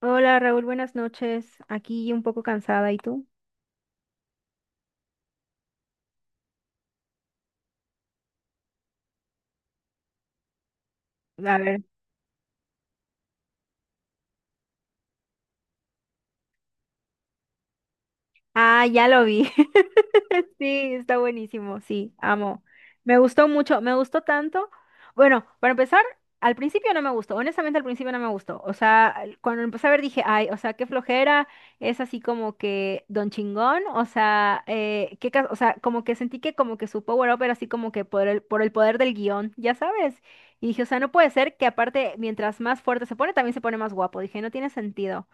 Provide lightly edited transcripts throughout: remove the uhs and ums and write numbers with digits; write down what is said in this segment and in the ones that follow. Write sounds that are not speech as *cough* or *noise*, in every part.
Hola Raúl, buenas noches. Aquí un poco cansada, ¿y tú? A ver. Ah, ya lo vi. *laughs* Sí, está buenísimo, sí, amo. Me gustó mucho, me gustó tanto. Bueno, para empezar, al principio no me gustó, honestamente al principio no me gustó. O sea, cuando empecé a ver dije, ay, o sea, qué flojera, es así como que don chingón, o sea, qué, o sea, como que sentí que como que su power up era así como que por el poder del guión, ya sabes. Y dije, o sea, no puede ser que aparte, mientras más fuerte se pone, también se pone más guapo. Dije, no tiene sentido.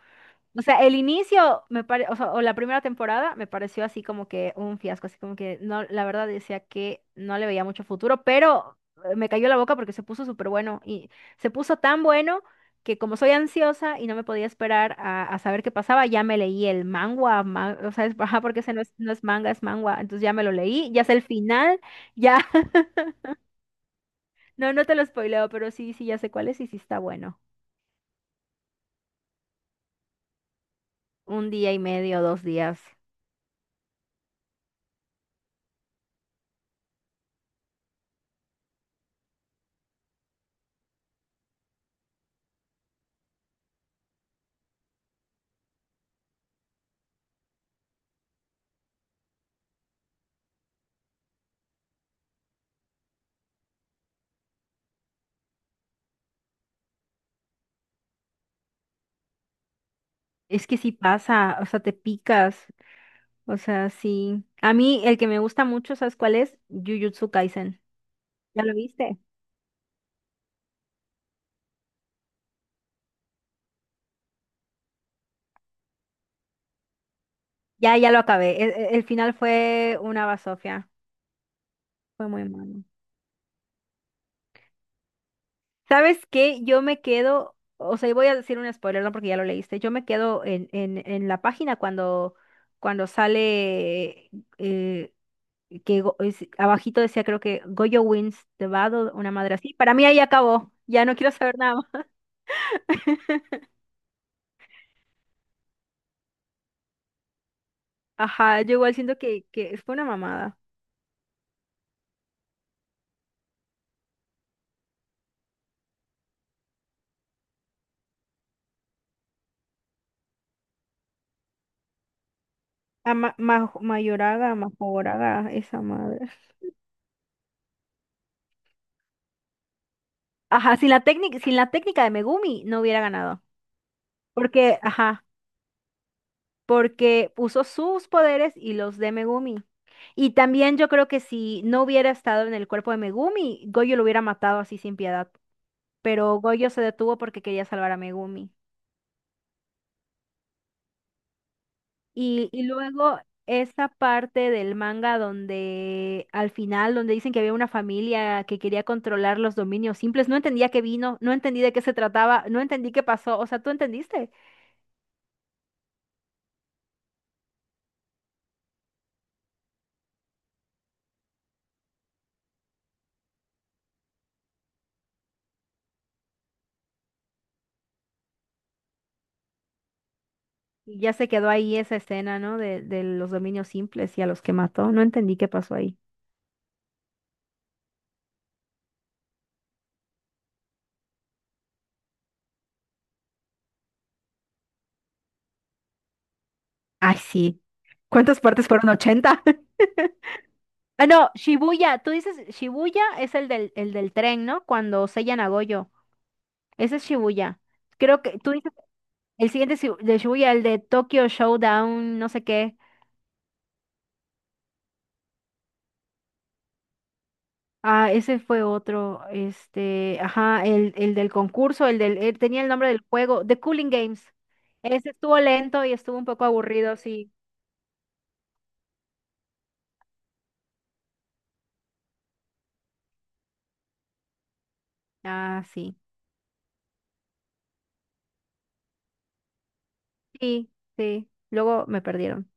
O sea, el inicio me pare, o sea, o la primera temporada me pareció así como que un fiasco, así como que no, la verdad decía que no le veía mucho futuro, pero me cayó la boca porque se puso súper bueno y se puso tan bueno que como soy ansiosa y no me podía esperar a saber qué pasaba, ya me leí el manga, o sea, es, ajá, porque ese no es, manga, es manga, entonces ya me lo leí, ya sé el final, ya, *laughs* no, no te lo spoileo, pero sí, sí, ya sé cuál es y sí está bueno. Un día y medio, dos días. Es que sí pasa, o sea, te picas. O sea, sí. A mí el que me gusta mucho, ¿sabes cuál es? Jujutsu Kaisen. ¿Ya lo viste? Ya, ya lo acabé. El final fue una basofia. Fue muy malo. ¿Sabes qué? Yo me quedo, o sea, y voy a decir un spoiler, no porque ya lo leíste. Yo me quedo en la página cuando, cuando sale eh, que abajito decía creo que Goyo wins the battle, una madre así. Para mí ahí acabó. Ya no quiero saber nada más. *laughs* Ajá, yo igual siento que fue una mamada. A Mayoraga, Majoraga, esa madre. Ajá, sin la técnica de Megumi no hubiera ganado. Porque, ajá, porque usó sus poderes y los de Megumi. Y también yo creo que si no hubiera estado en el cuerpo de Megumi, Goyo lo hubiera matado así sin piedad. Pero Goyo se detuvo porque quería salvar a Megumi. Y luego esa parte del manga donde al final, donde dicen que había una familia que quería controlar los dominios simples, no entendía qué vino, no entendí de qué se trataba, no entendí qué pasó, o sea, ¿tú entendiste? Y ya se quedó ahí esa escena, ¿no? De los dominios simples y a los que mató, no entendí qué pasó ahí. Ay, sí. ¿Cuántas partes fueron? 80. *laughs* Ah, no, Shibuya, tú dices, Shibuya es el del tren, ¿no? Cuando sellan a Goyo. Ese es Shibuya. Creo que tú dices el siguiente de Shibuya, el de Tokyo Showdown, no sé qué. Ah, ese fue otro. Este, ajá, el del concurso, el del, tenía el nombre del juego, The Cooling Games. Ese estuvo lento y estuvo un poco aburrido, sí. Ah, sí. Sí, sí. Luego me perdieron.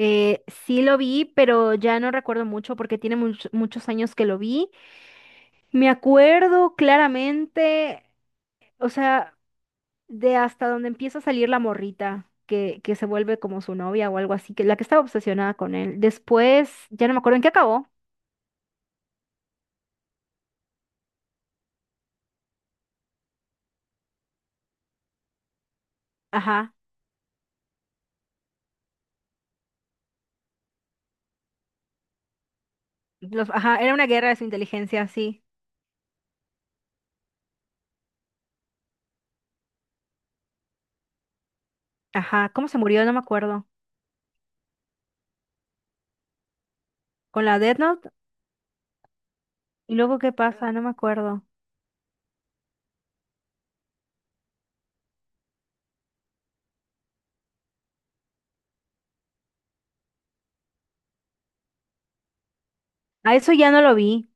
Sí lo vi, pero ya no recuerdo mucho porque tiene muchos años que lo vi. Me acuerdo claramente, o sea. De hasta donde empieza a salir la morrita, que se vuelve como su novia o algo así, que la que estaba obsesionada con él. Después, ya no me acuerdo en qué acabó. Ajá. Los, ajá, era una guerra de su inteligencia, sí. Ajá, ¿cómo se murió? No me acuerdo. ¿Con la Death Note? ¿Y luego qué pasa? No me acuerdo. A eso ya no lo vi,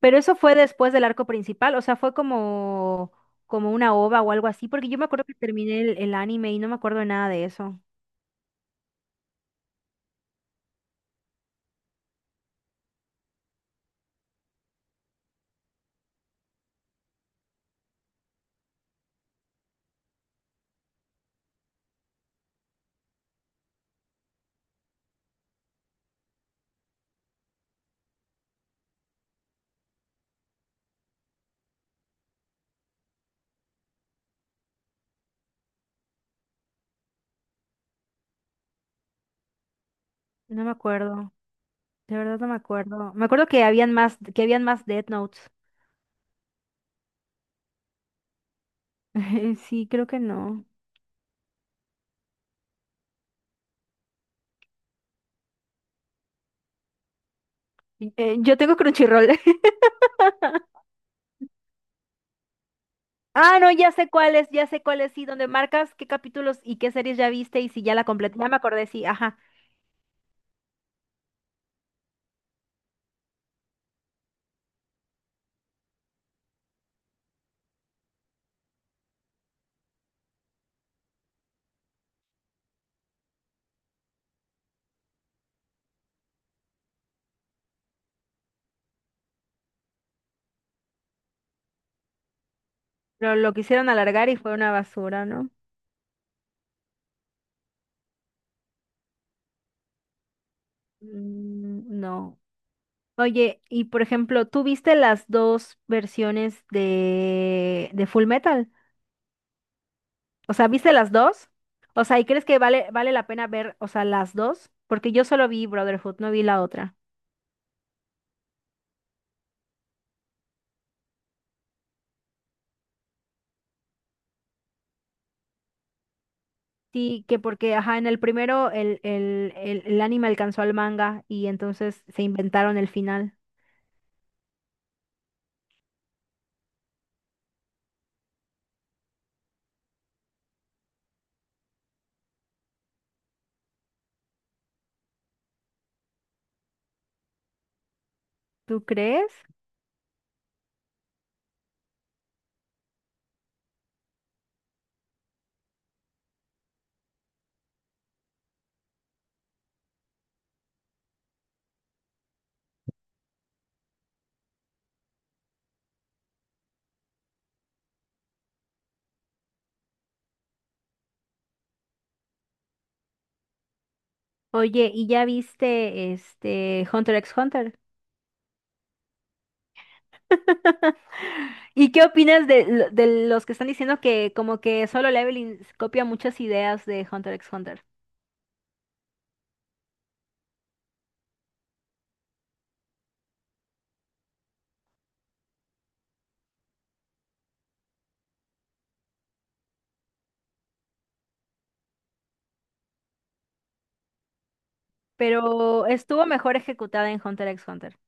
pero eso fue después del arco principal, o sea, fue como una ova o algo así, porque yo me acuerdo que terminé el anime y no me acuerdo de nada de eso. No me acuerdo, de verdad no me acuerdo. Me acuerdo que habían más Death Notes. *laughs* Sí, creo que no. Yo tengo Crunchyroll. *laughs* Ah, no, ya sé cuál es, ya sé cuál es, sí, donde marcas qué capítulos y qué series ya viste y si ya la completé. Ya me acordé, sí, ajá. Pero lo quisieron alargar y fue una basura, ¿no? Mm, no. Oye, y por ejemplo, ¿tú viste las dos versiones de Full Metal? O sea, ¿viste las dos? O sea, ¿y crees que vale la pena ver, o sea, las dos? Porque yo solo vi Brotherhood, no vi la otra. Sí, que porque, ajá, en el primero el anime alcanzó al manga y entonces se inventaron el final. ¿Tú crees? Oye, ¿y ya viste este Hunter x Hunter? *laughs* ¿Y qué opinas de los que están diciendo que como que Solo Leveling copia muchas ideas de Hunter x Hunter? Pero estuvo mejor ejecutada en Hunter x Hunter.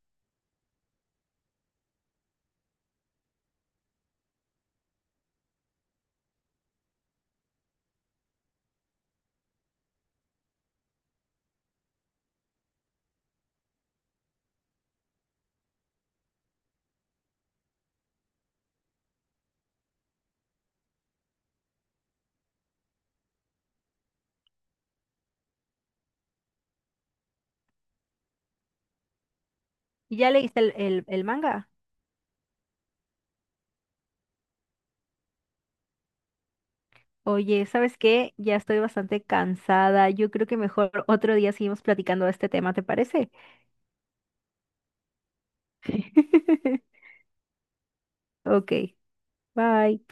¿Ya leíste el manga? Oye, ¿sabes qué? Ya estoy bastante cansada. Yo creo que mejor otro día seguimos platicando de este tema, ¿te parece? *laughs* Ok, bye.